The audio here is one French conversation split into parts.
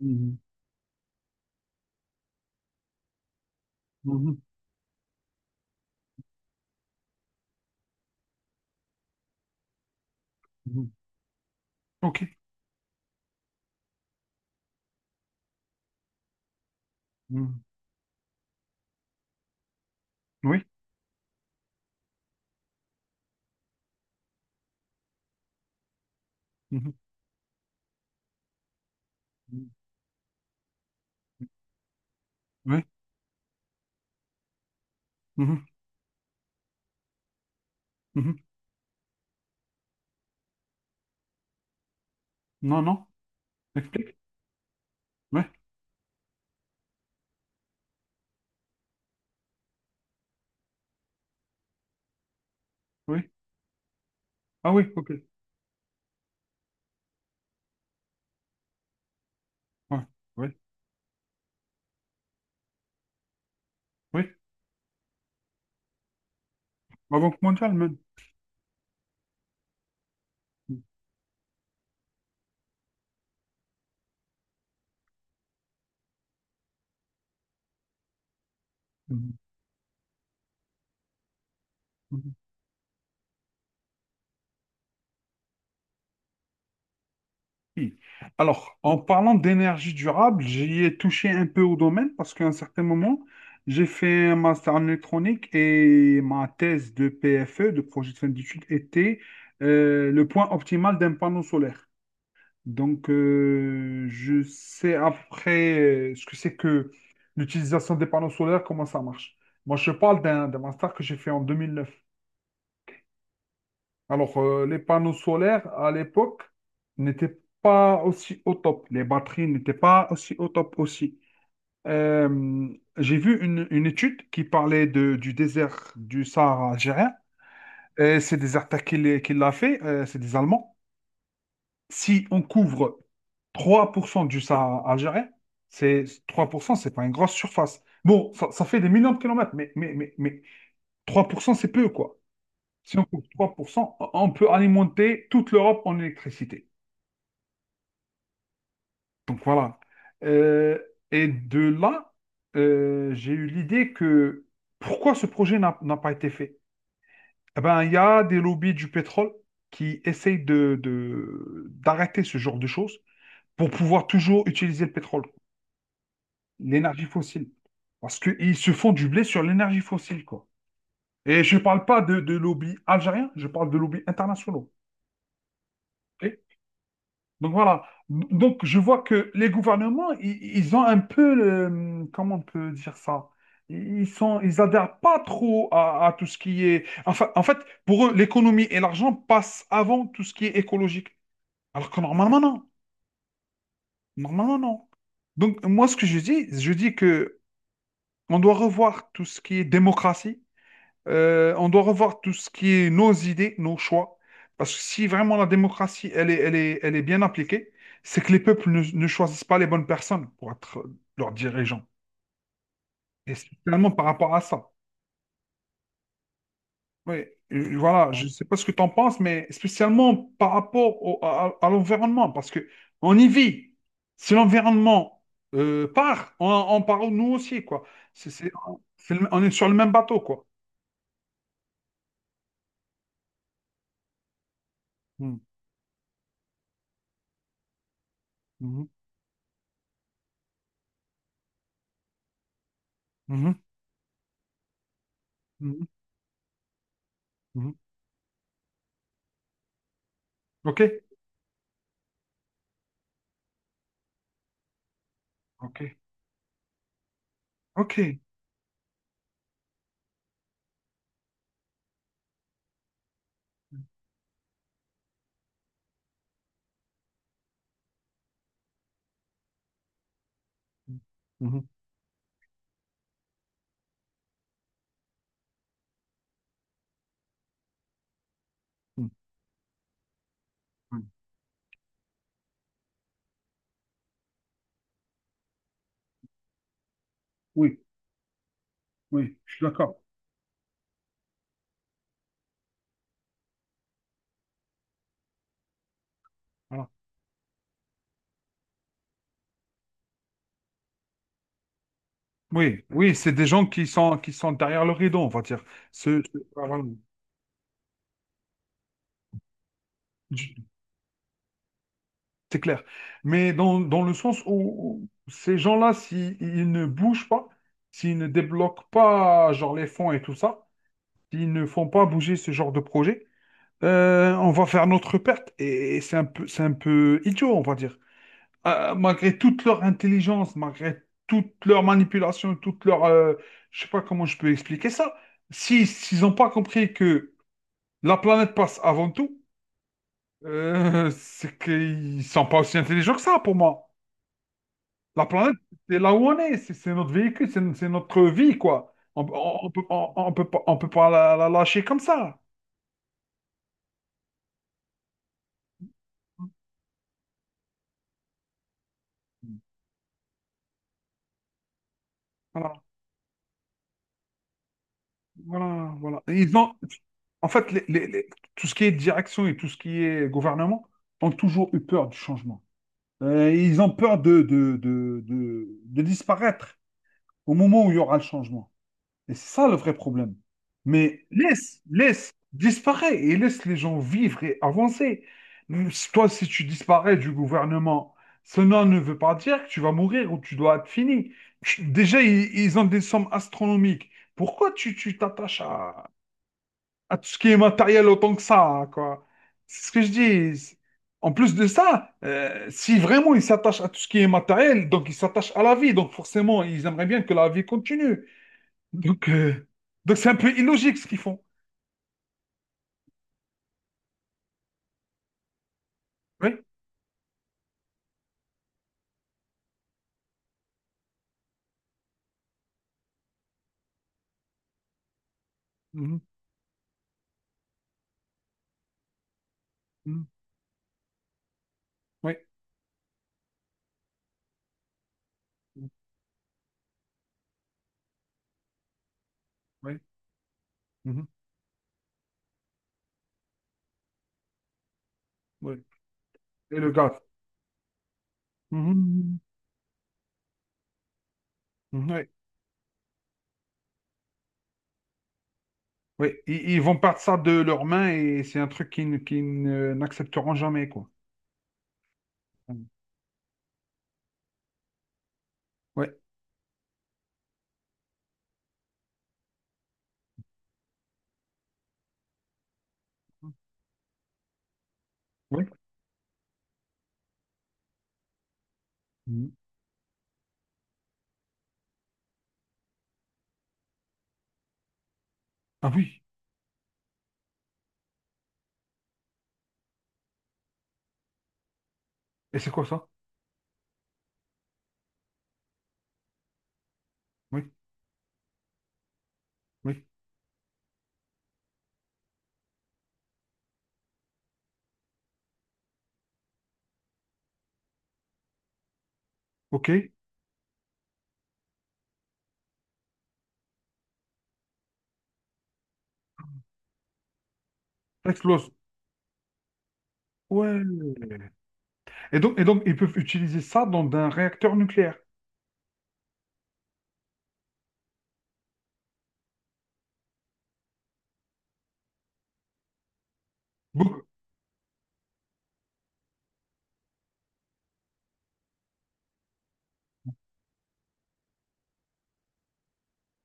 Mhm. Mhm. Mhm. Ok. Mhm. Oui. Mhm. Mhm. Oui. Mhm. Mhm. Non, non. Explique. Oui. Oui. Ah oui, ok. Ouais. Oui. Oui. La Banque mondiale même. Mhm. Mhm. Oui. Alors, en parlant d'énergie durable, j'y ai touché un peu au domaine parce qu'à un certain moment, j'ai fait un master en électronique et ma thèse de PFE, de projet de fin d'études, était le point optimal d'un panneau solaire. Donc, je sais après ce que c'est que l'utilisation des panneaux solaires, comment ça marche. Moi, je parle d'un master que j'ai fait en 2009. Alors, les panneaux solaires, à l'époque, n'étaient pas aussi au top. Les batteries n'étaient pas aussi au top aussi. Euh, j'ai vu une étude qui parlait du désert du Sahara algérien. Et c'est des attaques qui l'a fait, c'est des Allemands. Si on couvre 3% du Sahara algérien, c'est 3%, c'est pas une grosse surface. Bon, ça fait des millions de kilomètres, mais 3%, c'est peu, quoi. Si on coupe 3%, on peut alimenter toute l'Europe en électricité. Donc voilà. Euh, et de là, j'ai eu l'idée que pourquoi ce projet n'a pas été fait. Eh ben, il y a des lobbies du pétrole qui essayent d'arrêter ce genre de choses pour pouvoir toujours utiliser le pétrole, l'énergie fossile. Parce qu'ils se font du blé sur l'énergie fossile, quoi. Et je ne parle pas de lobby algérien, je parle de lobby international. OK. Donc voilà. Donc je vois que les gouvernements, ils ont un peu comment on peut dire ça? Ils adhèrent pas trop à tout ce qui est. Enfin, en fait, pour eux, l'économie et l'argent passent avant tout ce qui est écologique. Alors que normalement, non. Normalement, non. Donc, moi, ce que je dis que on doit revoir tout ce qui est démocratie. On doit revoir tout ce qui est nos idées, nos choix. Parce que si vraiment la démocratie, elle est bien appliquée, c'est que les peuples ne choisissent pas les bonnes personnes pour être leurs dirigeants. Et spécialement par rapport à ça. Oui, voilà, je ne sais pas ce que tu en penses, mais spécialement par rapport à, l'environnement, parce que on y vit. Si l'environnement part, on part nous aussi, quoi. C'est, c'est- on est sur le même bateau, quoi. Hmm. Mhm. Mhm. Mhm. Mhm. OK? OK. Ok. Mhm, mhm. Oui, Oui, oui, je suis d'accord. Voilà. Oui, oui, c'est des gens qui sont derrière le rideau, on va dire. Ah, voilà. Je- C'est clair. Mais dans le sens où ces gens-là, s'ils ne bougent pas, s'ils ne débloquent pas genre les fonds et tout ça, s'ils ne font pas bouger ce genre de projet, on va faire notre perte. Et c'est un peu idiot, on va dire. Malgré toute leur intelligence, malgré toute leur manipulation, je sais pas comment je peux expliquer ça. Si, s'ils n'ont pas compris que la planète passe avant tout, c'est qu'ils sont pas aussi intelligents que ça, pour moi. La planète, c'est là où on est, c'est notre véhicule, c'est notre vie, quoi. On peut pas la lâcher comme ça. Voilà. Voilà, voilà. Et en fait, tout ce qui est direction et tout ce qui est gouvernement ont toujours eu peur du changement. Ils ont peur de disparaître au moment où il y aura le changement. Et c'est ça le vrai problème. Mais laisse, laisse, disparaît et laisse les gens vivre et avancer. Si tu disparais du gouvernement, cela ne veut pas dire que tu vas mourir ou tu dois être fini. Déjà, ils ont des sommes astronomiques. Pourquoi tu t'attaches à tout ce qui est matériel autant que ça, quoi. C'est ce que je dis. En plus de ça, si vraiment ils s'attachent à tout ce qui est matériel, donc ils s'attachent à la vie, donc forcément ils aimeraient bien que la vie continue. Donc euh, donc c'est un peu illogique ce qu'ils font. Oui. Mhm. Mhm. Oui. Mhm. Oui. Mhm. Oui. Et le gaz. Mhm. Mhm. Oui. Oui. Ils vont perdre ça de leurs mains et c'est un truc qu'ils ne- n'accepteront jamais, quoi. Oui. Oui. Mhm. Oui. Ah oui. Et c'est quoi ça? Oui. Oui. OK? Ça explose. Ouais. Et donc, ils peuvent utiliser ça dans un réacteur nucléaire. Bouc.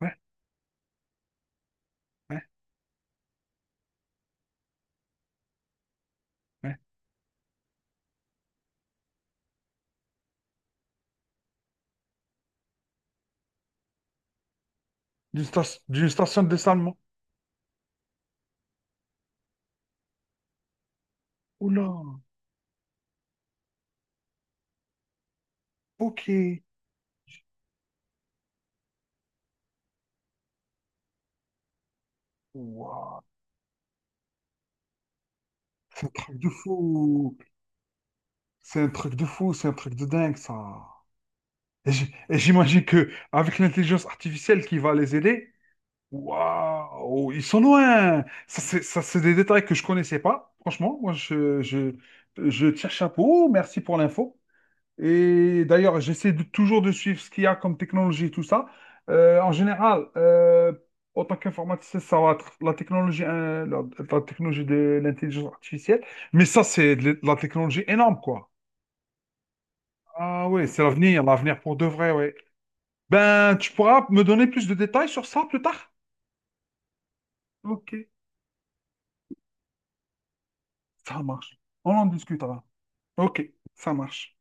Ouais, ouais, ouais. D'une station de dessalement. Oula. OK. Waouh, c'est un truc de fou. C'est un truc de fou, c'est un truc de dingue, ça. Et j'imagine que avec l'intelligence artificielle qui va les aider, waouh, ils sont loin. Ça, c'est des détails que je connaissais pas. Franchement, moi, je tire chapeau. Merci pour l'info. Et d'ailleurs, j'essaie toujours de suivre ce qu'il y a comme technologie, tout ça. En général, en tant qu'informaticien, ça va être la technologie, la, technologie de l'intelligence artificielle. Mais ça, c'est de la technologie énorme, quoi. Ah oui, c'est l'avenir, l'avenir pour de vrai, oui. Ben, tu pourras me donner plus de détails sur ça plus tard? Ok, ça marche. On en discutera. Ok, ça marche.